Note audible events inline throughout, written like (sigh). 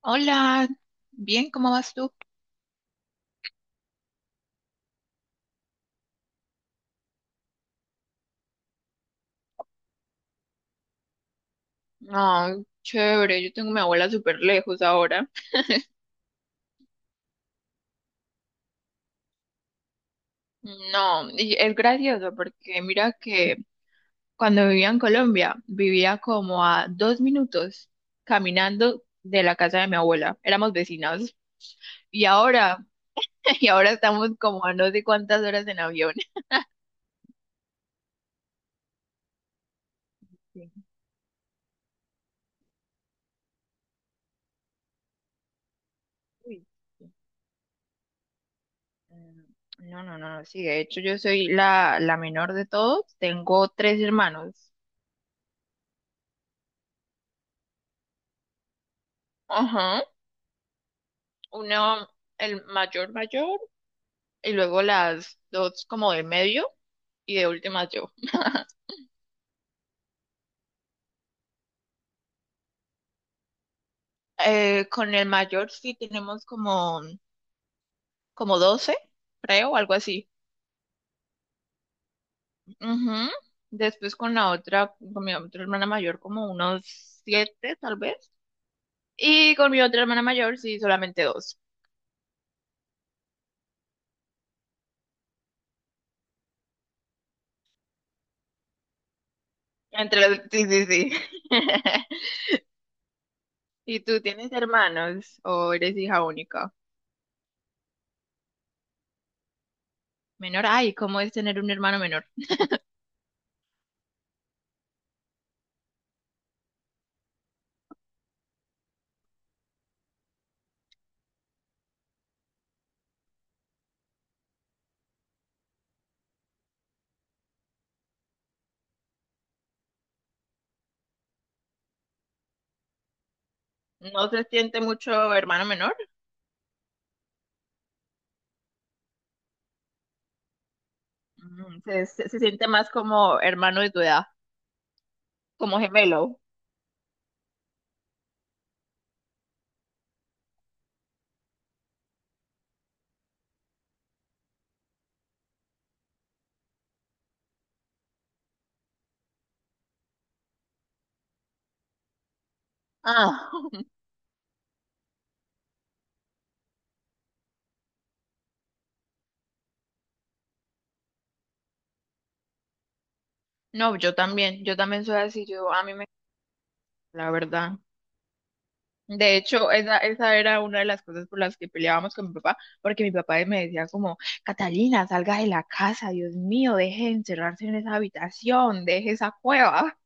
Hola, bien, ¿cómo vas tú? No, chévere, yo tengo a mi abuela súper lejos ahora. No, y es gracioso porque mira que cuando vivía en Colombia, vivía como a dos minutos caminando de la casa de mi abuela. Éramos vecinos. Y ahora, (laughs) y ahora estamos como a no sé cuántas horas en avión. Sí, uy, sí. Mm, No, no, no, no, sí, de hecho yo soy la menor de todos, tengo tres hermanos. Ajá. Uno el mayor mayor y luego las dos como de medio y de última yo. (laughs) Con el mayor sí tenemos como 12 creo, algo así. Ujú. Después con la otra, con mi otra hermana mayor como unos siete tal vez. Y con mi otra hermana mayor sí solamente dos. Sí, sí, sí. (laughs) ¿Y tú tienes hermanos o eres hija única? Menor, ay, ¿cómo es tener un hermano menor? ¿No se siente mucho hermano menor? Se siente más como hermano de tu edad, como gemelo. Ah, (laughs) no, yo también soy así, yo a mí me, la verdad. De hecho, esa era una de las cosas por las que peleábamos con mi papá, porque mi papá me decía como, Catalina, salga de la casa, Dios mío, deje de encerrarse en esa habitación, deje esa cueva.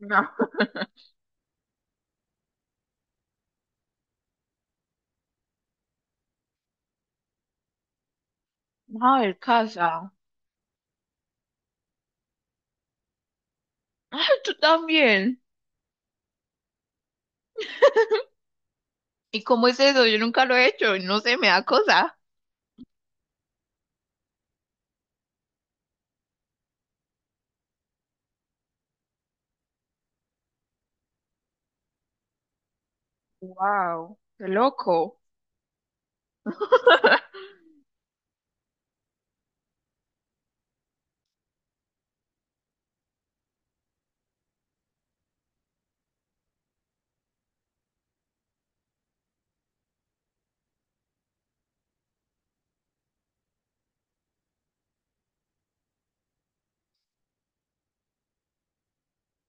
No, no, el casa. Ay, tú también. ¿Y cómo es eso? Yo nunca lo he hecho, no sé, me da cosa. Wow, qué loco. (laughs)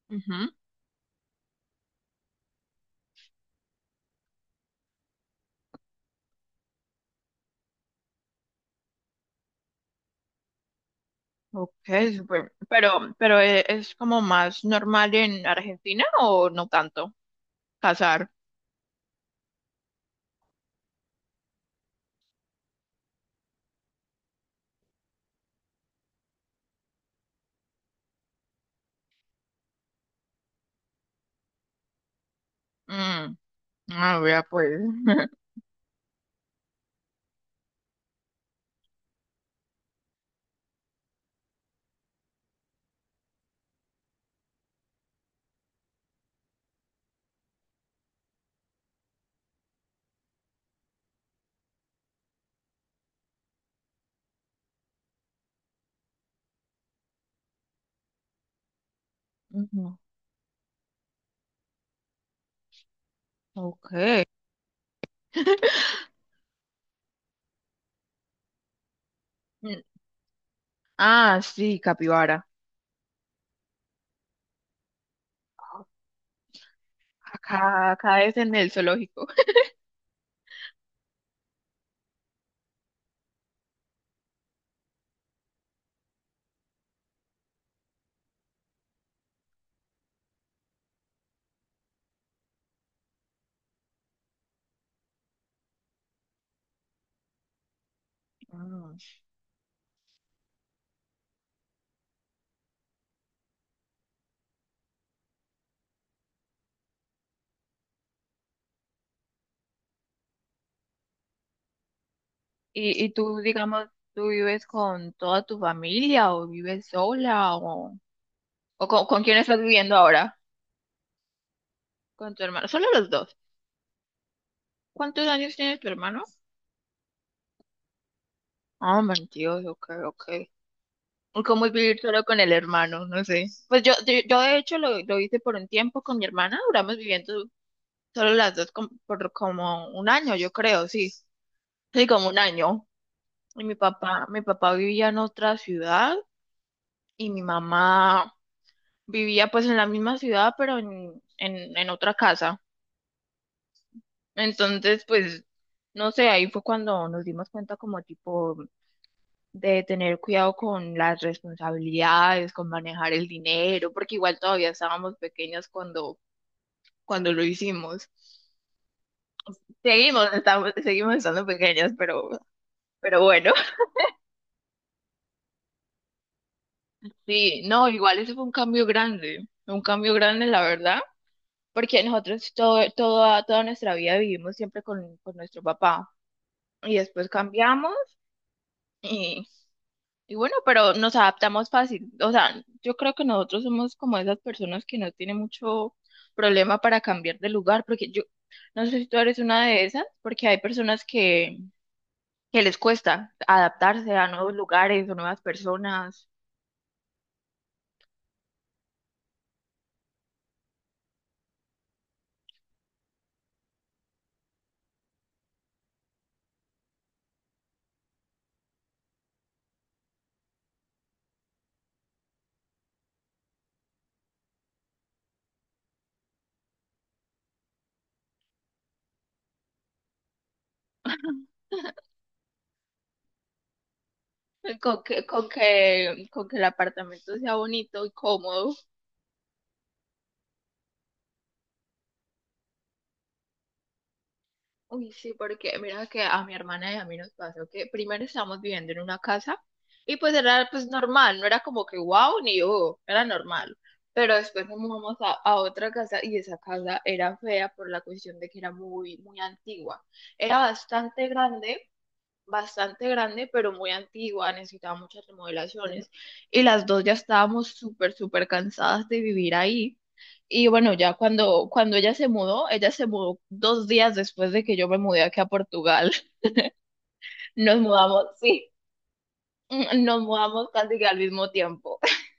Ujú. Ok, súper. Pero es como más normal en Argentina o no tanto casar. Mm, ah, vea pues. (laughs) Ujú, Ok. Mm, Ah, sí, capibara. Acá, acá es en el zoológico. (laughs) Mm. Y tú, digamos, tú vives con toda tu familia o vives sola o con quién estás viviendo ahora? Con tu hermano. Solo los dos. ¿Cuántos años tiene tu hermano? Ah, 22, ok, ok. ¿Cómo es vivir solo con el hermano? No sé. Pues yo de hecho lo hice por un tiempo con mi hermana, duramos viviendo solo las dos por como un año, yo creo, sí. Sí, como un año. Y mi papá vivía en otra ciudad y mi mamá vivía pues en la misma ciudad, pero en otra casa. Entonces, pues, no sé, ahí fue cuando nos dimos cuenta como tipo de tener cuidado con las responsabilidades, con manejar el dinero, porque igual todavía estábamos pequeñas cuando, cuando lo hicimos. Seguimos, estamos, seguimos estando pequeñas, pero bueno, (laughs) sí, no, igual eso fue un cambio grande, la verdad, porque toda nuestra vida vivimos siempre con nuestro papá y después cambiamos. Y bueno, pero nos adaptamos fácil. O sea, yo creo que nosotros somos como esas personas que no tienen mucho problema para cambiar de lugar, porque yo no sé si tú eres una de esas, porque hay personas que les cuesta adaptarse a nuevos lugares o nuevas personas, con que el apartamento sea bonito y cómodo. Uy, sí, porque mira que a mi hermana y a mí nos pasó que primero estábamos viviendo en una casa y pues era pues normal, no era como que wow ni oh, era normal. Pero después nos mudamos a otra casa y esa casa era fea por la cuestión de que era muy, muy antigua. Era bastante grande, bastante grande, pero muy antigua, necesitaba muchas remodelaciones y las dos ya estábamos súper, súper cansadas de vivir ahí. Y bueno, ya cuando, cuando ella se mudó dos días después de que yo me mudé aquí a Portugal. (laughs) Nos mudamos, sí, (laughs) mm, nos mudamos casi que al mismo tiempo. (laughs)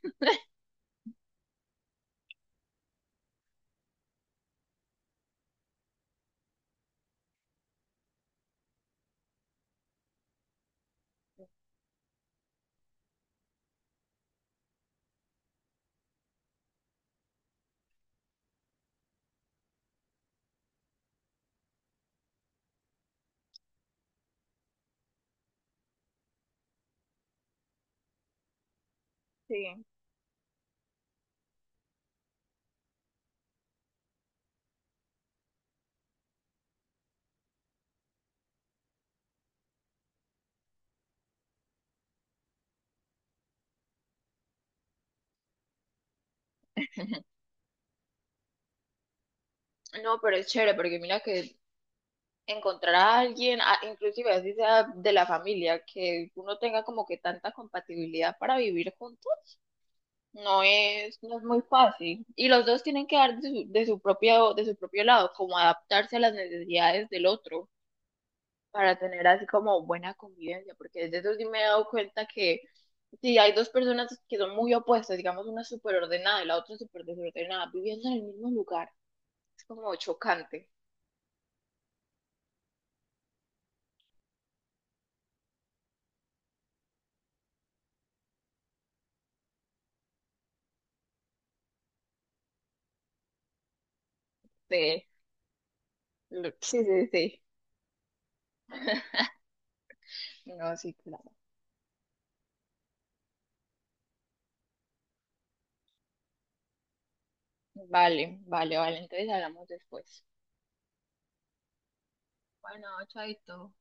Sí, no, pero es chévere porque mira que encontrar a alguien, inclusive así sea de la familia, que uno tenga como que tanta compatibilidad para vivir juntos, no es muy fácil. Y los dos tienen que dar de su, de su propio lado, como adaptarse a las necesidades del otro para tener así como buena convivencia, porque desde eso sí me he dado cuenta que si hay dos personas que son muy opuestas, digamos una súper ordenada y la otra súper desordenada, viviendo en el mismo lugar, es como chocante. de- Sí, sí, sí. No, sí, claro. Vale, vale, vale. Entonces hablamos después. Bueno, chaito.